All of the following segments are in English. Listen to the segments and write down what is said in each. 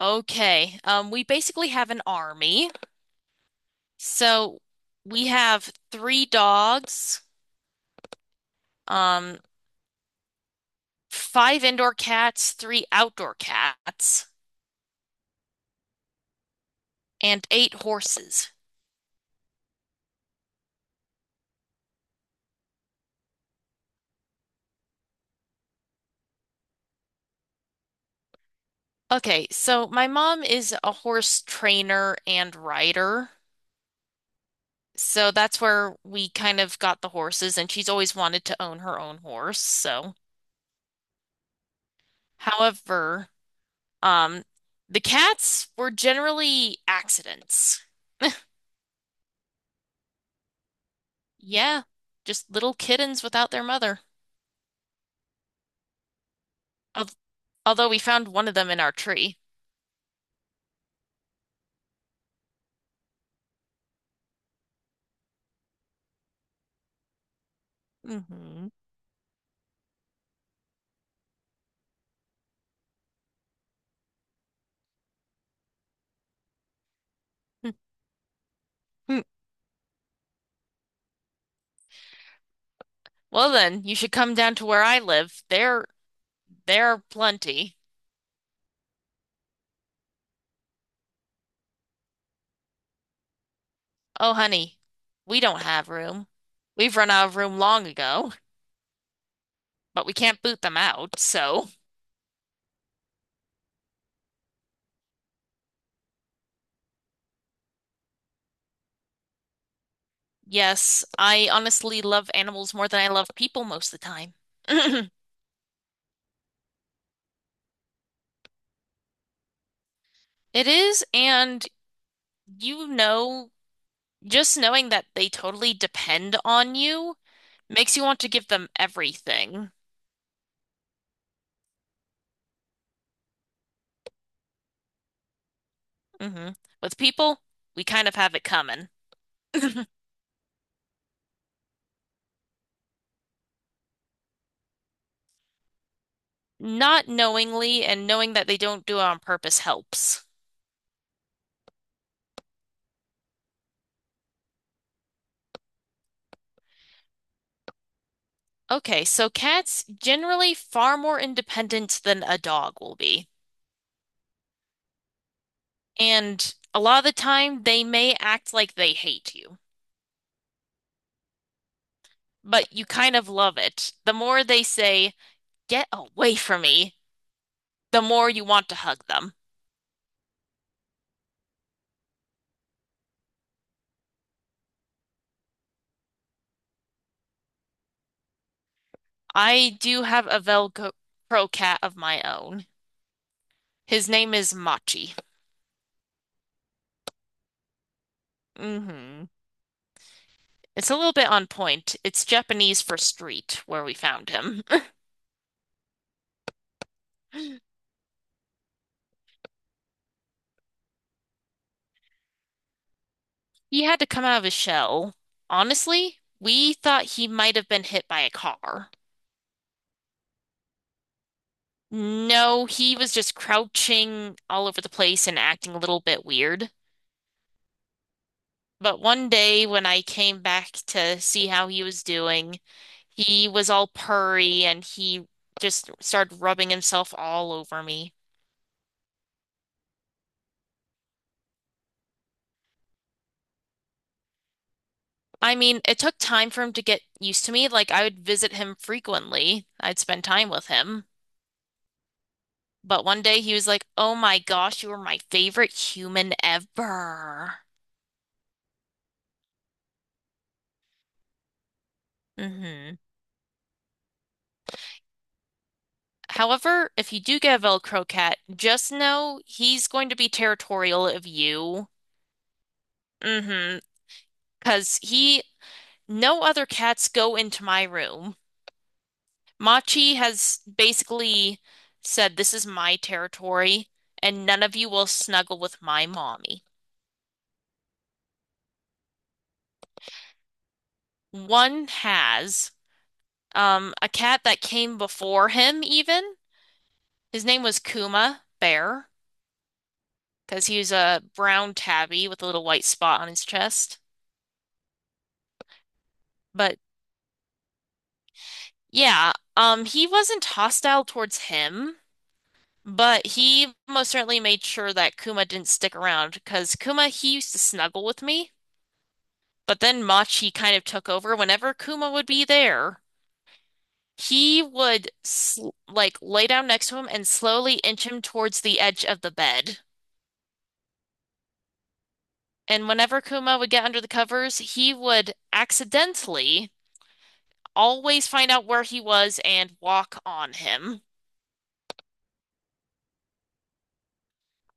Okay. We basically have an army. So we have three dogs, um, five indoor cats, three outdoor cats, and eight horses. Okay, so my mom is a horse trainer and rider. So that's where we kind of got the horses, and she's always wanted to own her own horse. So, however, um, the cats were generally accidents. Yeah, just little kittens without their mother. Al- Although we found one of them in our tree. Hmm Well then, you should come down to where I live. There are plenty. Oh, honey, we don't have room. We've run out of room long ago, but we can't boot them out, so. Yes, I honestly love animals more than I love people most of the time. It is, and you know, just knowing that they totally depend on you. Makes you want to give them everything. Hmm With people, we kind of have it coming. Not knowingly and knowing that they don't do it on purpose helps. Okay, so cats generally far more independent than a dog will be. And a lot of the time, they may act like they hate you, but you kind of love it. The more they say, get away from me, the more you want to hug them. I do have a Velcro cat of my own. His name is Machi. Hmm It's a little bit on point. It's Japanese for street where we found him. He had to come out of his shell. Honestly, we thought he might have been hit by a car. No, he was just crouching all over the place and acting a little bit weird. But one day when I came back to see how he was doing, he was all purry and he just started rubbing himself all over me. I mean, it took time for him to get used to me. Like, I would visit him frequently. I'd spend time with him. But one day he was like, "Oh my gosh, you are my favorite human ever." hmm However, if you do get a Velcro cat, just know he's going to be territorial of you. Mm-hmm. Because he, no other cats go into my room. Machi has basically said, "This is my territory, and none of you will snuggle with my mommy." One has a cat that came before him, even. His name was Kuma Bear because he was a brown tabby with a little white spot on his chest. But yeah, he wasn't hostile towards him, but he most certainly made sure that Kuma didn't stick around because Kuma, he used to snuggle with me. But then Machi kind of took over. Whenever Kuma would be there, he would sl like lay down next to him and slowly inch him towards the edge of the bed. And whenever Kuma would get under the covers, he would accidentally always find out where he was and walk on him.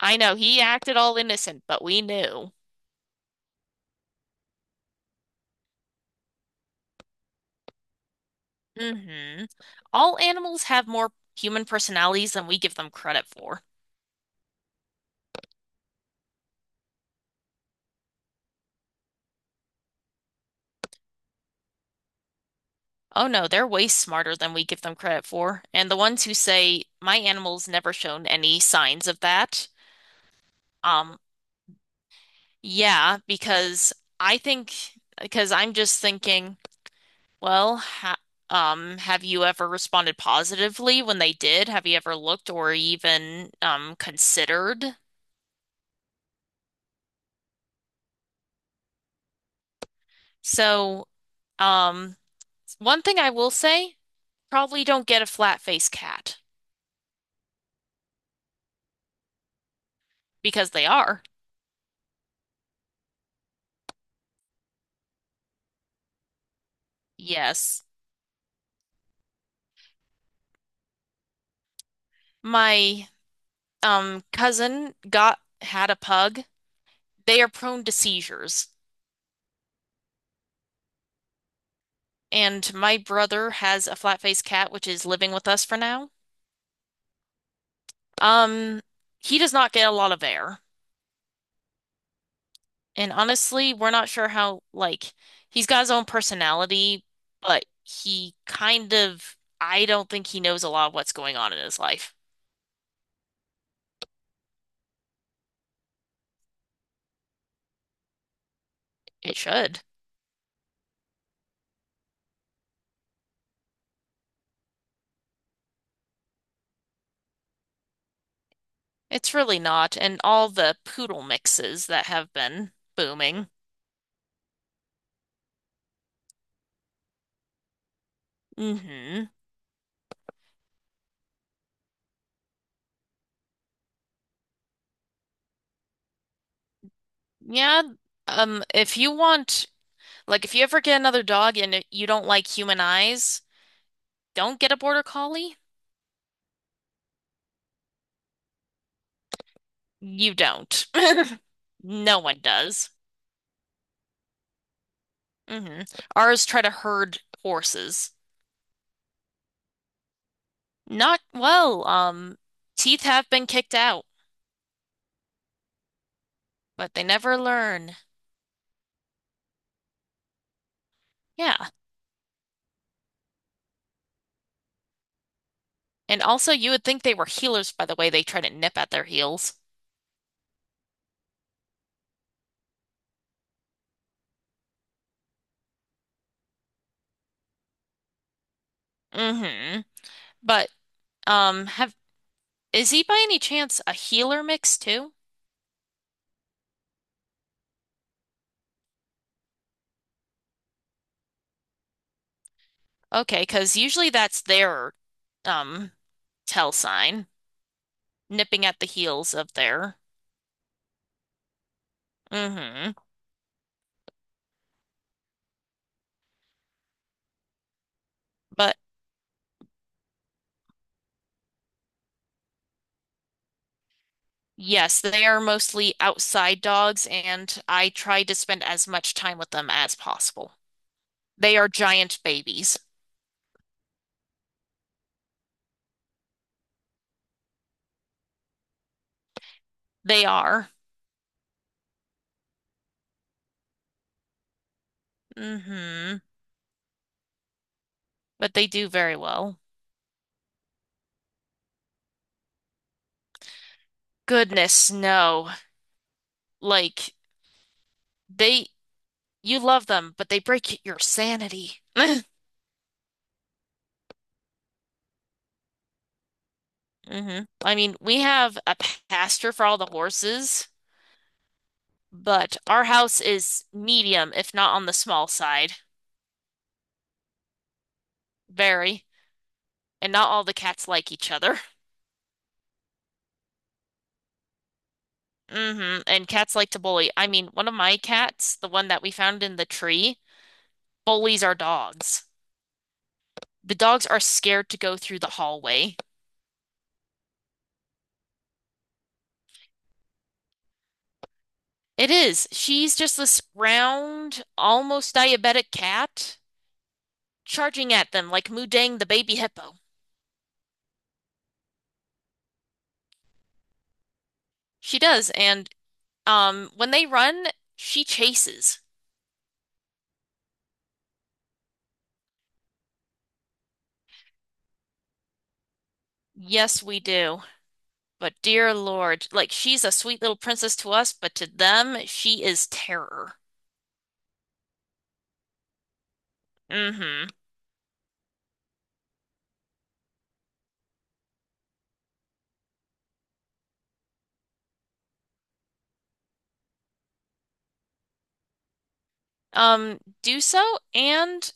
I know he acted all innocent, but we knew. Hmm All animals have more human personalities than we give them credit for. Oh no, they're way smarter than we give them credit for. And the ones who say, my animal's never shown any signs of that. Um, yeah, because I think, because I'm just thinking. Well, ha Have you ever responded positively when they did? Have you ever looked or even considered? So, um, One thing I will say, probably don't get a flat-faced cat because they are. Yes. My cousin got had a pug. They are prone to seizures. And my brother has a flat-faced cat, which is living with us for now. Um, he does not get a lot of air. And honestly, we're not sure how, like, he's got his own personality, but he kind of, I don't think he knows a lot of what's going on in his life. It should. It's really not. And all the poodle mixes that have been booming. Hmm Yeah. If you want, like, if you ever get another dog and you don't like human eyes, don't get a border collie. You don't. No one does. Hmm Ours try to herd horses. Not well. Teeth have been kicked out, but they never learn. Yeah. And also, you would think they were healers by the way they try to nip at their heels. Mm-hmm. But have is he by any chance a healer mix too? Okay, because usually that's their um tell sign, nipping at the heels of their. Mm-hmm. But yes, they are mostly outside dogs, and I try to spend as much time with them as possible. They are giant babies. They are. Hmm But they do very well. Goodness, no. Like they you love them, but they break your sanity. Hmm I mean, we have a pasture for all the horses, but our house is medium, if not on the small side. Very. And not all the cats like each other. hmm And cats like to bully. I mean, one of my cats, the one that we found in the tree, bullies our dogs. The dogs are scared to go through the hallway. It is. She's just this round, almost diabetic cat charging at them like Mudang the baby hippo. She does, and when they run, she chases. Yes, we do. But dear Lord, like she's a sweet little princess to us, but to them, she is terror. Mm-hmm. Do so and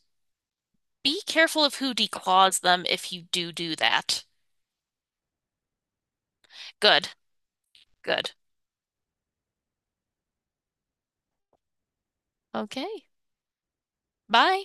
be careful of who declaws them if you do do that. Good, good. Okay. Bye.